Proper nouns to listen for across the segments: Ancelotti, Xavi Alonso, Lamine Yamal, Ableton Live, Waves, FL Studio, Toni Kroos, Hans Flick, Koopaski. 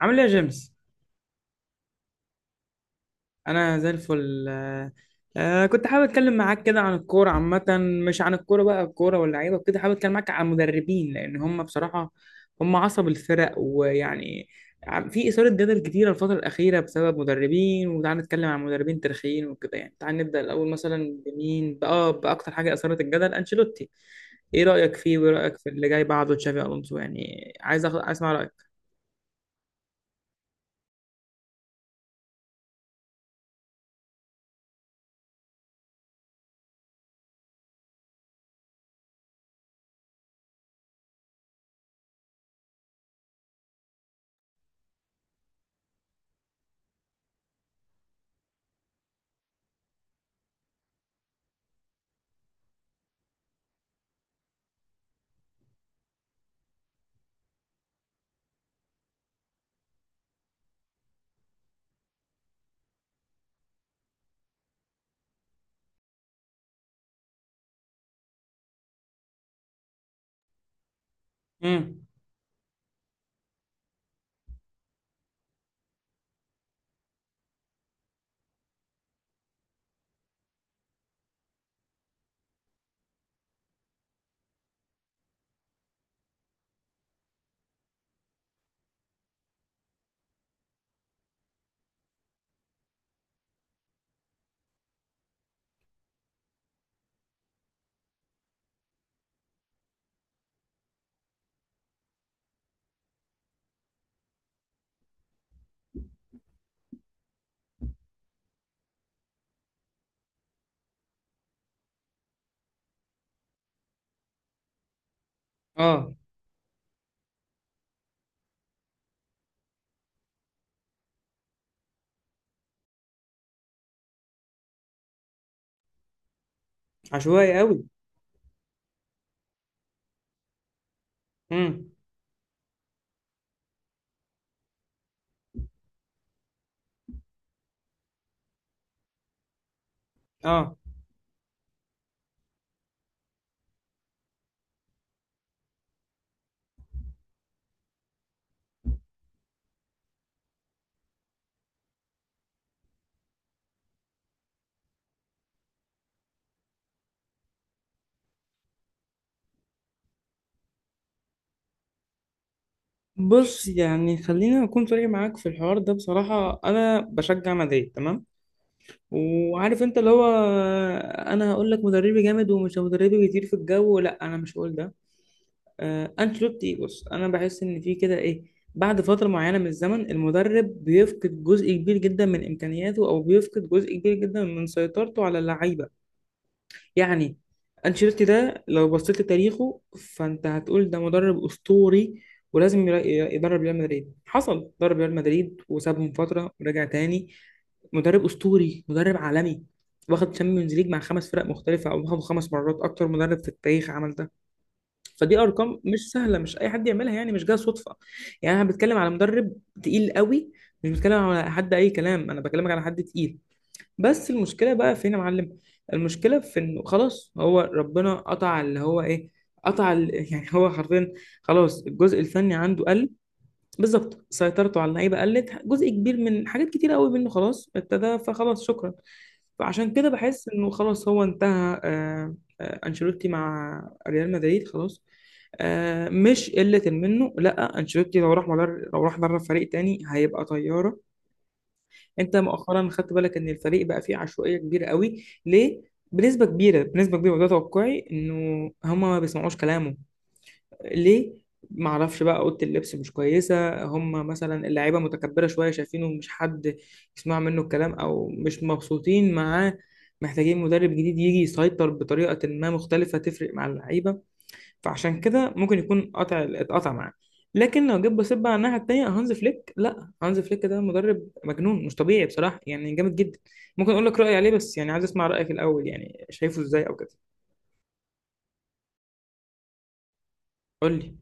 عامل ايه يا جيمس؟ انا زي الفل. كنت حابب اتكلم معاك كده عن الكوره عامه. مش عن الكوره بقى، الكوره واللعيبه وكده، حابب اتكلم معاك عن المدربين لان هم بصراحه هم عصب الفرق، ويعني في اثاره جدل كتيره الفتره الاخيره بسبب مدربين. وتعال نتكلم عن مدربين تاريخيين وكده، يعني تعال نبدا الاول مثلا بمين بقى، باكتر حاجه اثارت الجدل: انشيلوتي. ايه رايك فيه؟ وايه رايك في اللي جاي بعده تشافي الونسو؟ يعني عايز عايز اسمع رايك. امم. اه، عشوائي قوي. امم. اه، بص يعني خلينا اكون صريح معاك في الحوار ده. بصراحه انا بشجع مدريد، تمام، وعارف انت اللي هو. انا هقول لك مدربي جامد ومش مدربي بيطير في الجو، لا انا مش هقول ده. آه، انشيلوتي بص انا بحس ان في كده ايه، بعد فتره معينه من الزمن المدرب بيفقد جزء كبير جدا من امكانياته، او بيفقد جزء كبير جدا من سيطرته على اللعيبه. يعني أنشيلوتي ده لو بصيت لتاريخه فأنت هتقول ده مدرب أسطوري، ولازم يدرب ريال مدريد. حصل درب ريال مدريد وسابهم فترة ورجع تاني. مدرب أسطوري، مدرب عالمي، واخد تشامبيونز ليج مع خمس فرق مختلفة، أو واخده خمس مرات، أكتر مدرب في التاريخ عمل ده. فدي أرقام مش سهلة، مش أي حد يعملها، يعني مش جاية صدفة. يعني أنا بتكلم على مدرب تقيل قوي، مش بتكلم على حد أي كلام، أنا بكلمك على حد تقيل. بس المشكلة بقى فين يا معلم؟ المشكلة في انه خلاص، هو ربنا قطع اللي هو ايه، قطع يعني هو حرفيا خلاص الجزء الفني عنده قل. بالظبط، سيطرته على اللعيبة قلت، جزء كبير من حاجات كتيرة قوي منه خلاص ابتدى، فخلاص شكرا. فعشان كده بحس انه خلاص هو انتهى. انشيلوتي مع ريال مدريد خلاص. آه، مش قلة منه، لا انشيلوتي لو لو راح درب فريق تاني هيبقى طيارة. انت مؤخرا خدت بالك ان الفريق بقى فيه عشوائيه كبيره قوي؟ ليه؟ بنسبه كبيره، بنسبه كبيره، وده توقعي انه هما ما بيسمعوش كلامه. ليه؟ ما اعرفش بقى، اوضه اللبس مش كويسه، هما مثلا اللعيبه متكبره شويه شايفينه مش حد يسمع منه الكلام، او مش مبسوطين معاه. محتاجين مدرب جديد يجي يسيطر بطريقه ما مختلفه تفرق مع اللعيبه. فعشان كده ممكن يكون قطع، اتقطع معاه. لكن لو جيت بصيت بقى على الناحيه التانيه هانز فليك، لا هانز فليك ده مدرب مجنون مش طبيعي بصراحه، يعني جامد جدا. ممكن اقول لك رايي عليه، بس يعني عايز اسمع رايك الاول، يعني شايفه ازاي او كده. قول لي.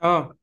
اه،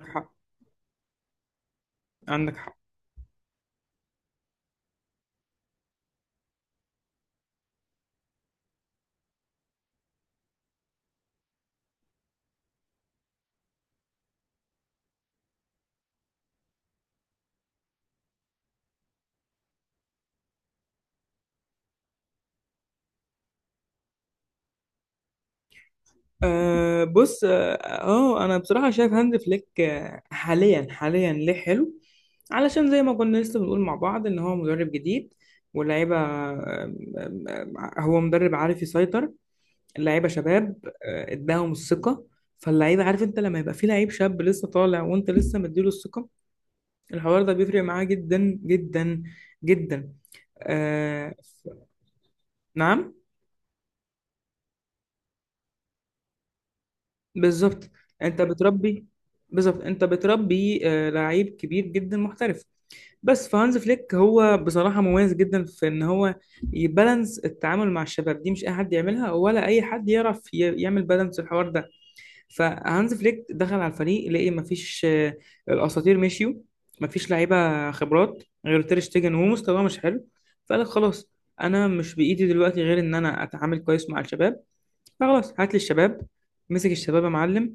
عندك حق، عندك حق. آه بص، اه. آه، انا بصراحه شايف هانز فليك حاليا، حاليا ليه حلو؟ علشان زي ما كنا لسه بنقول مع بعض ان هو مدرب جديد، واللعيبه آه، هو مدرب عارف يسيطر، اللعيبه شباب، اداهم الثقه. فاللعيبه عارف انت لما يبقى في لعيب شاب لسه طالع وانت لسه مديله الثقه، الحوار ده بيفرق معاه جدا جدا جدا. آه ف- نعم. بالظبط، انت بتربي. بالظبط، انت بتربي آه لعيب كبير جدا محترف. بس فهانز فليك هو بصراحه مميز جدا في ان هو يبالانس التعامل مع الشباب دي. مش اي حد يعملها، ولا اي حد يعرف يعمل بالانس الحوار ده. فهانز فليك دخل على الفريق لقي مفيش، الاساطير مشيوا، مفيش لعيبه خبرات غير تير شتيجن وهو مستواه مش حلو. فقال خلاص، انا مش بايدي دلوقتي غير ان انا اتعامل كويس مع الشباب، فخلاص هات لي الشباب. مسك الشباب يا معلم،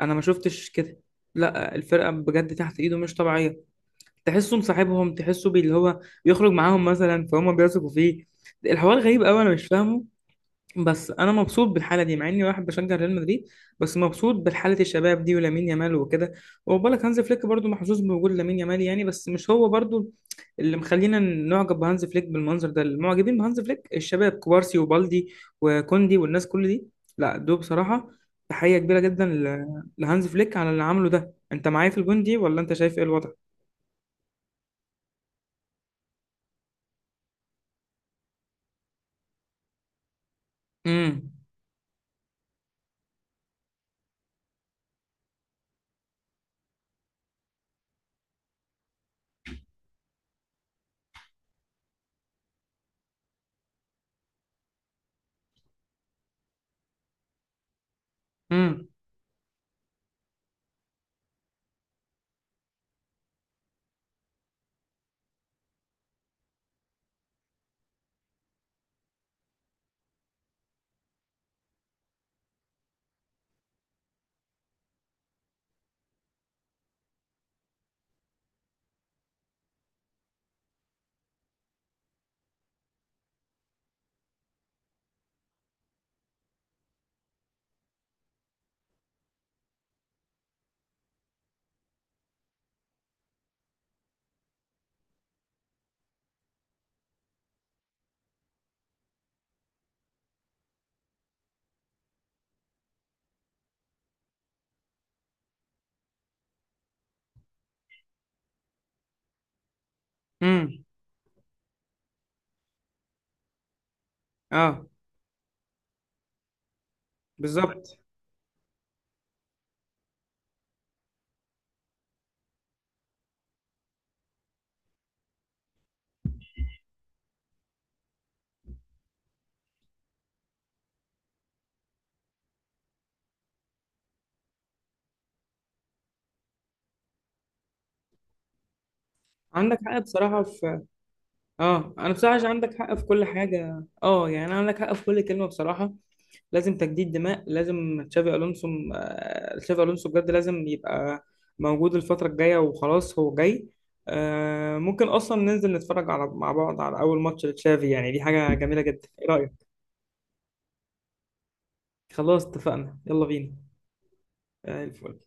انا ما شفتش كده، لا الفرقه بجد تحت ايده مش طبيعيه. تحسه مصاحبهم، اللي هو بيخرج معاهم مثلا، فهم بيثقوا فيه. الحوار غريب قوي، انا مش فاهمه. بس انا مبسوط بالحاله دي مع اني واحد بشجع ريال مدريد، بس مبسوط بالحاله الشباب دي ولامين يامال وكده. وبالك هانز فليك برضو محظوظ بوجود لامين يامال، يعني بس مش هو برضو اللي مخلينا نعجب بهانز فليك بالمنظر ده، المعجبين بهانز فليك الشباب، كوبارسي وبالدي وكوندي والناس كل دي، لا دول بصراحه تحيه كبيره جدا لهانز فليك على اللي عمله ده. انت معايا في الجون دي ولا انت شايف ايه الوضع؟ امم. امم. امم. اه. بالظبط، عندك حق بصراحه في، اه انا بصراحه عشان عندك حق في كل حاجه، اه يعني عندك حق في كل كلمه بصراحه. لازم تجديد دماء، لازم تشافي الونسو. آه، تشافي الونسو بجد لازم يبقى موجود الفتره الجايه، وخلاص هو جاي. آه، ممكن اصلا ننزل نتفرج على مع بعض على اول ماتش لتشافي، يعني دي حاجه جميله جدا، ايه رايك؟ خلاص اتفقنا، يلا بينا. آه، الفل.